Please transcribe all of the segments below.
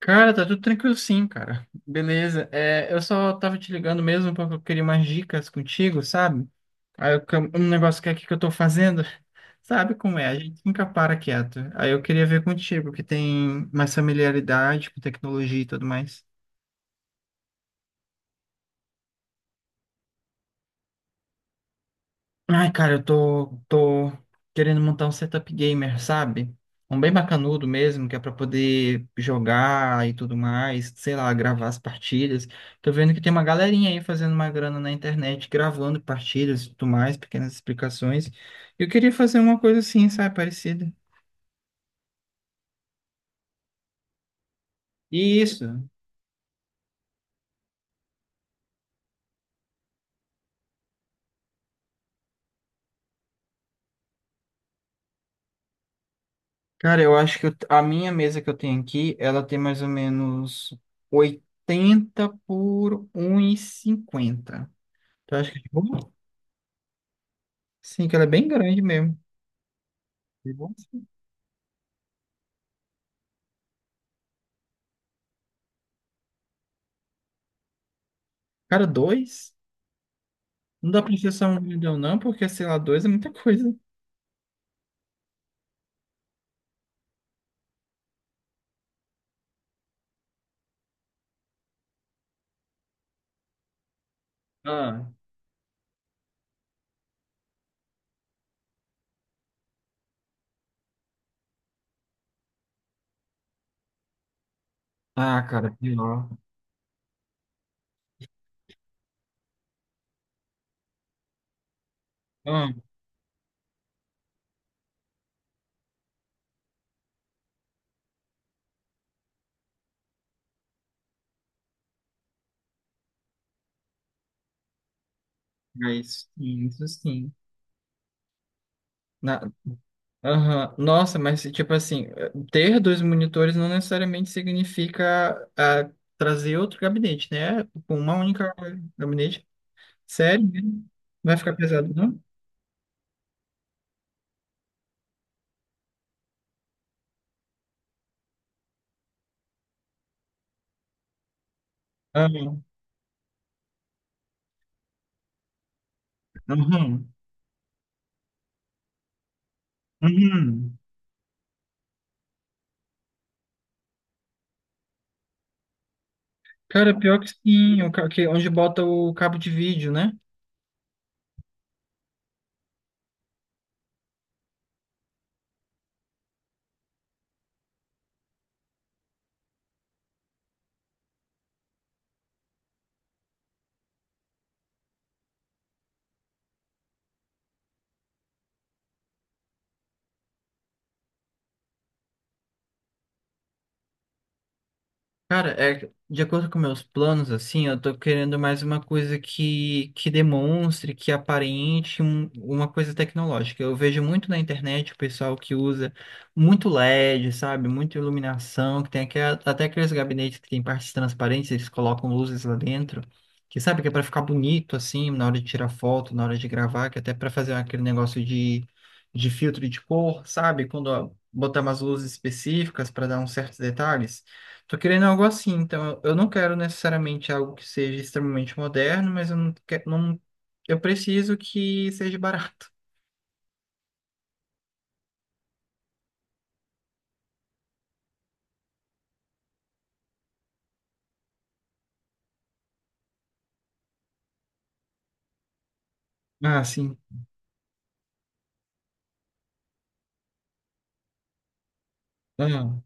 Cara, tá tudo tranquilo sim, cara. Beleza. É, eu só tava te ligando mesmo porque eu queria umas dicas contigo, sabe? Um negócio que é aqui que eu tô fazendo, sabe como é? A gente nunca para quieto. Aí eu queria ver contigo, que tem mais familiaridade com tecnologia e tudo mais. Ai, cara, eu tô querendo montar um setup gamer, sabe? Um bem bacanudo mesmo, que é pra poder jogar e tudo mais, sei lá, gravar as partidas. Tô vendo que tem uma galerinha aí fazendo uma grana na internet, gravando partidas e tudo mais, pequenas explicações. Eu queria fazer uma coisa assim, sabe, parecida. E isso. Cara, eu acho que eu- a minha mesa que eu tenho aqui, ela tem mais ou menos 80 por um e cinquenta. Tu acha que é bom? Sim, que ela é bem grande mesmo. Nossa. Cara, dois? Não dá pra ser só um grandão, não, porque, sei lá, dois é muita coisa. Ah, ah, cara, pior. Ah, é isso, sim, isso sim. Na... Aham. Nossa, mas, tipo assim, ter dois monitores não necessariamente significa trazer outro gabinete, né? Com uma única gabinete. Sério mesmo? Vai ficar pesado, não? Ah, uhum, uhum. Cara, pior que sim, onde bota o cabo de vídeo, né? Cara, é, que, de acordo com meus planos, assim, eu tô querendo mais uma coisa que demonstre, uma coisa tecnológica. Eu vejo muito na internet o pessoal que usa muito LED, sabe? Muita iluminação, até aqueles gabinetes que tem partes transparentes, eles colocam luzes lá dentro, que sabe que é pra ficar bonito, assim, na hora de tirar foto, na hora de gravar, que é até pra fazer aquele negócio de filtro de cor, sabe? Quando ó, botar umas luzes específicas pra dar uns certos detalhes. Tô querendo algo assim, então eu não quero necessariamente algo que seja extremamente moderno, mas eu não quero, não, eu preciso que seja barato. Ah, sim. Ah,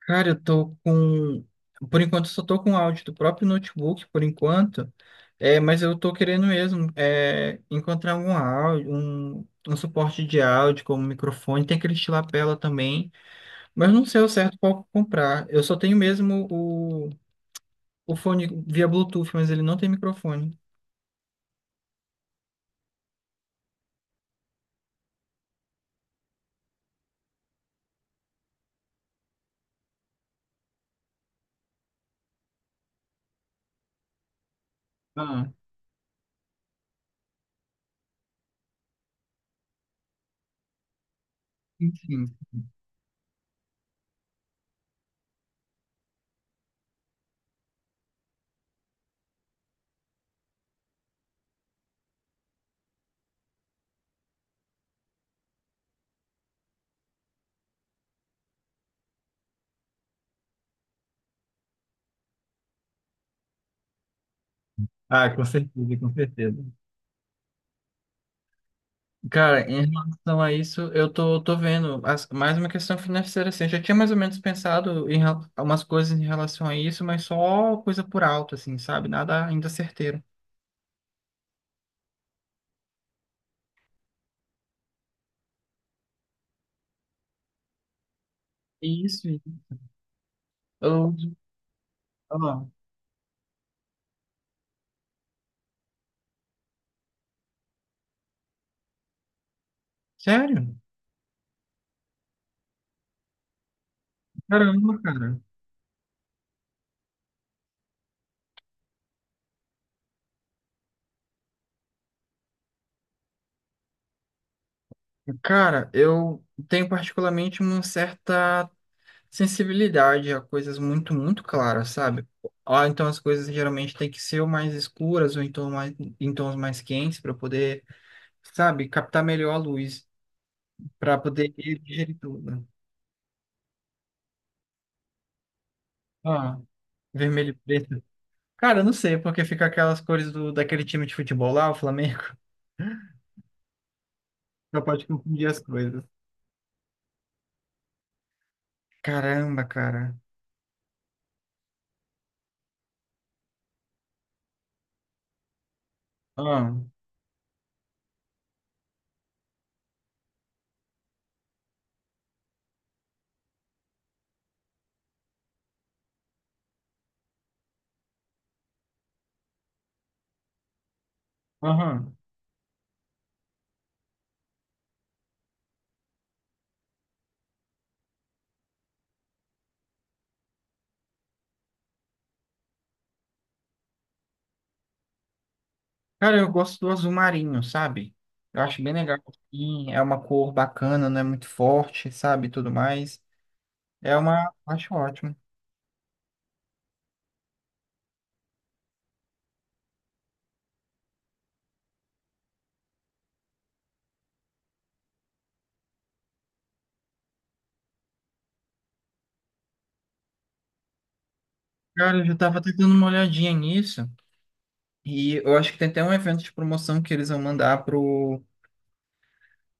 cara, por enquanto eu só tô com o áudio do próprio notebook, por enquanto, é, mas eu tô querendo mesmo é, encontrar algum áudio, um suporte de áudio como um microfone, tem aquele de lapela também, mas eu não sei ao certo qual comprar. Eu só tenho mesmo o fone via Bluetooth, mas ele não tem microfone. Ah. Enfim. Ah, com certeza, com certeza. Cara, em relação a isso, eu tô vendo mais uma questão financeira, assim. Eu já tinha mais ou menos pensado umas coisas em relação a isso, mas só coisa por alto, assim, sabe? Nada ainda certeiro. Isso, isso. Eu- ah, sério? Caramba, cara. Cara, eu tenho particularmente uma certa sensibilidade a coisas muito, muito claras, sabe? Ah, então as coisas geralmente têm que ser ou mais escuras ou em tons mais quentes para poder, sabe, captar melhor a luz, para poder digerir tudo. Ah, vermelho e preto. Cara, eu não sei, porque fica aquelas cores do, daquele time de futebol lá, o Flamengo. Só pode confundir as coisas. Caramba, cara. Ah, aham. Cara, eu gosto do azul marinho, sabe? Eu acho bem legal. Sim, é uma cor bacana, não é muito forte, sabe? Tudo mais. É uma. Acho ótimo. Cara, eu já tava até dando uma olhadinha nisso. E eu acho que tem até um evento de promoção que eles vão mandar pro.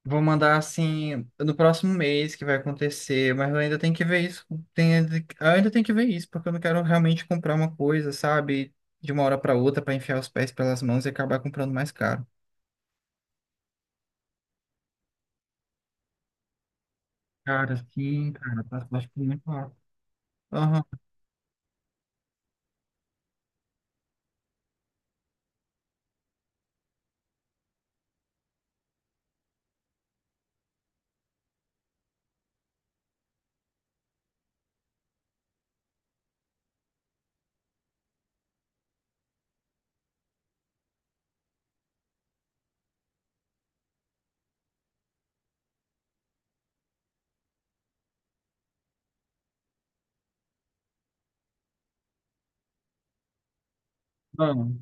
Vão mandar assim no próximo mês que vai acontecer, mas eu ainda tenho que ver isso. Tem, eu ainda tenho que ver isso, porque eu não quero realmente comprar uma coisa, sabe? De uma hora para outra para enfiar os pés pelas mãos e acabar comprando mais caro. Cara, sim, cara, tá, tá, tipo, muito caro. Aham. Vamos.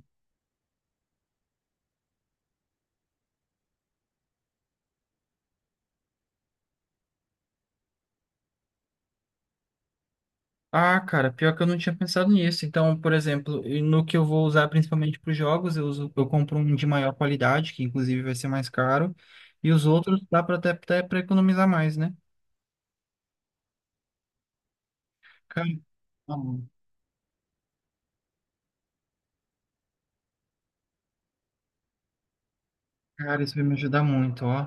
Ah, cara, pior que eu não tinha pensado nisso. Então, por exemplo, e no que eu vou usar principalmente para os jogos, eu compro um de maior qualidade, que inclusive vai ser mais caro, e os outros dá para até para economizar mais, né? Cara, tá bom. Cara, isso vai me ajudar muito, ó.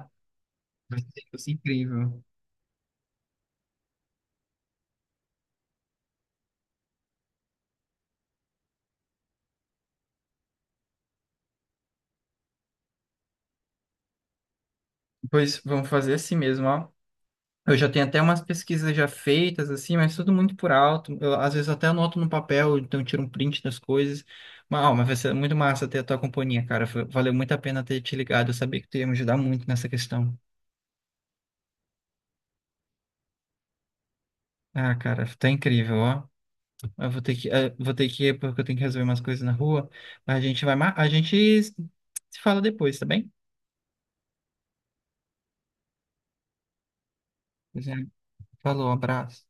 Vai ser incrível. Pois vamos fazer assim mesmo, ó. Eu já tenho até umas pesquisas já feitas, assim, mas tudo muito por alto. Eu, às vezes até anoto no papel, então eu tiro um print das coisas. Mas, ó, mas vai ser muito massa ter a tua companhia, cara. Foi- Valeu muito a pena ter te ligado. Eu sabia que tu ia me ajudar muito nessa questão. Ah, cara, tá incrível, ó. Eu vou ter que, vou ter que ir porque eu tenho que resolver umas coisas na rua. Mas a gente se fala depois, tá bem? Pois é. Falou, abraço.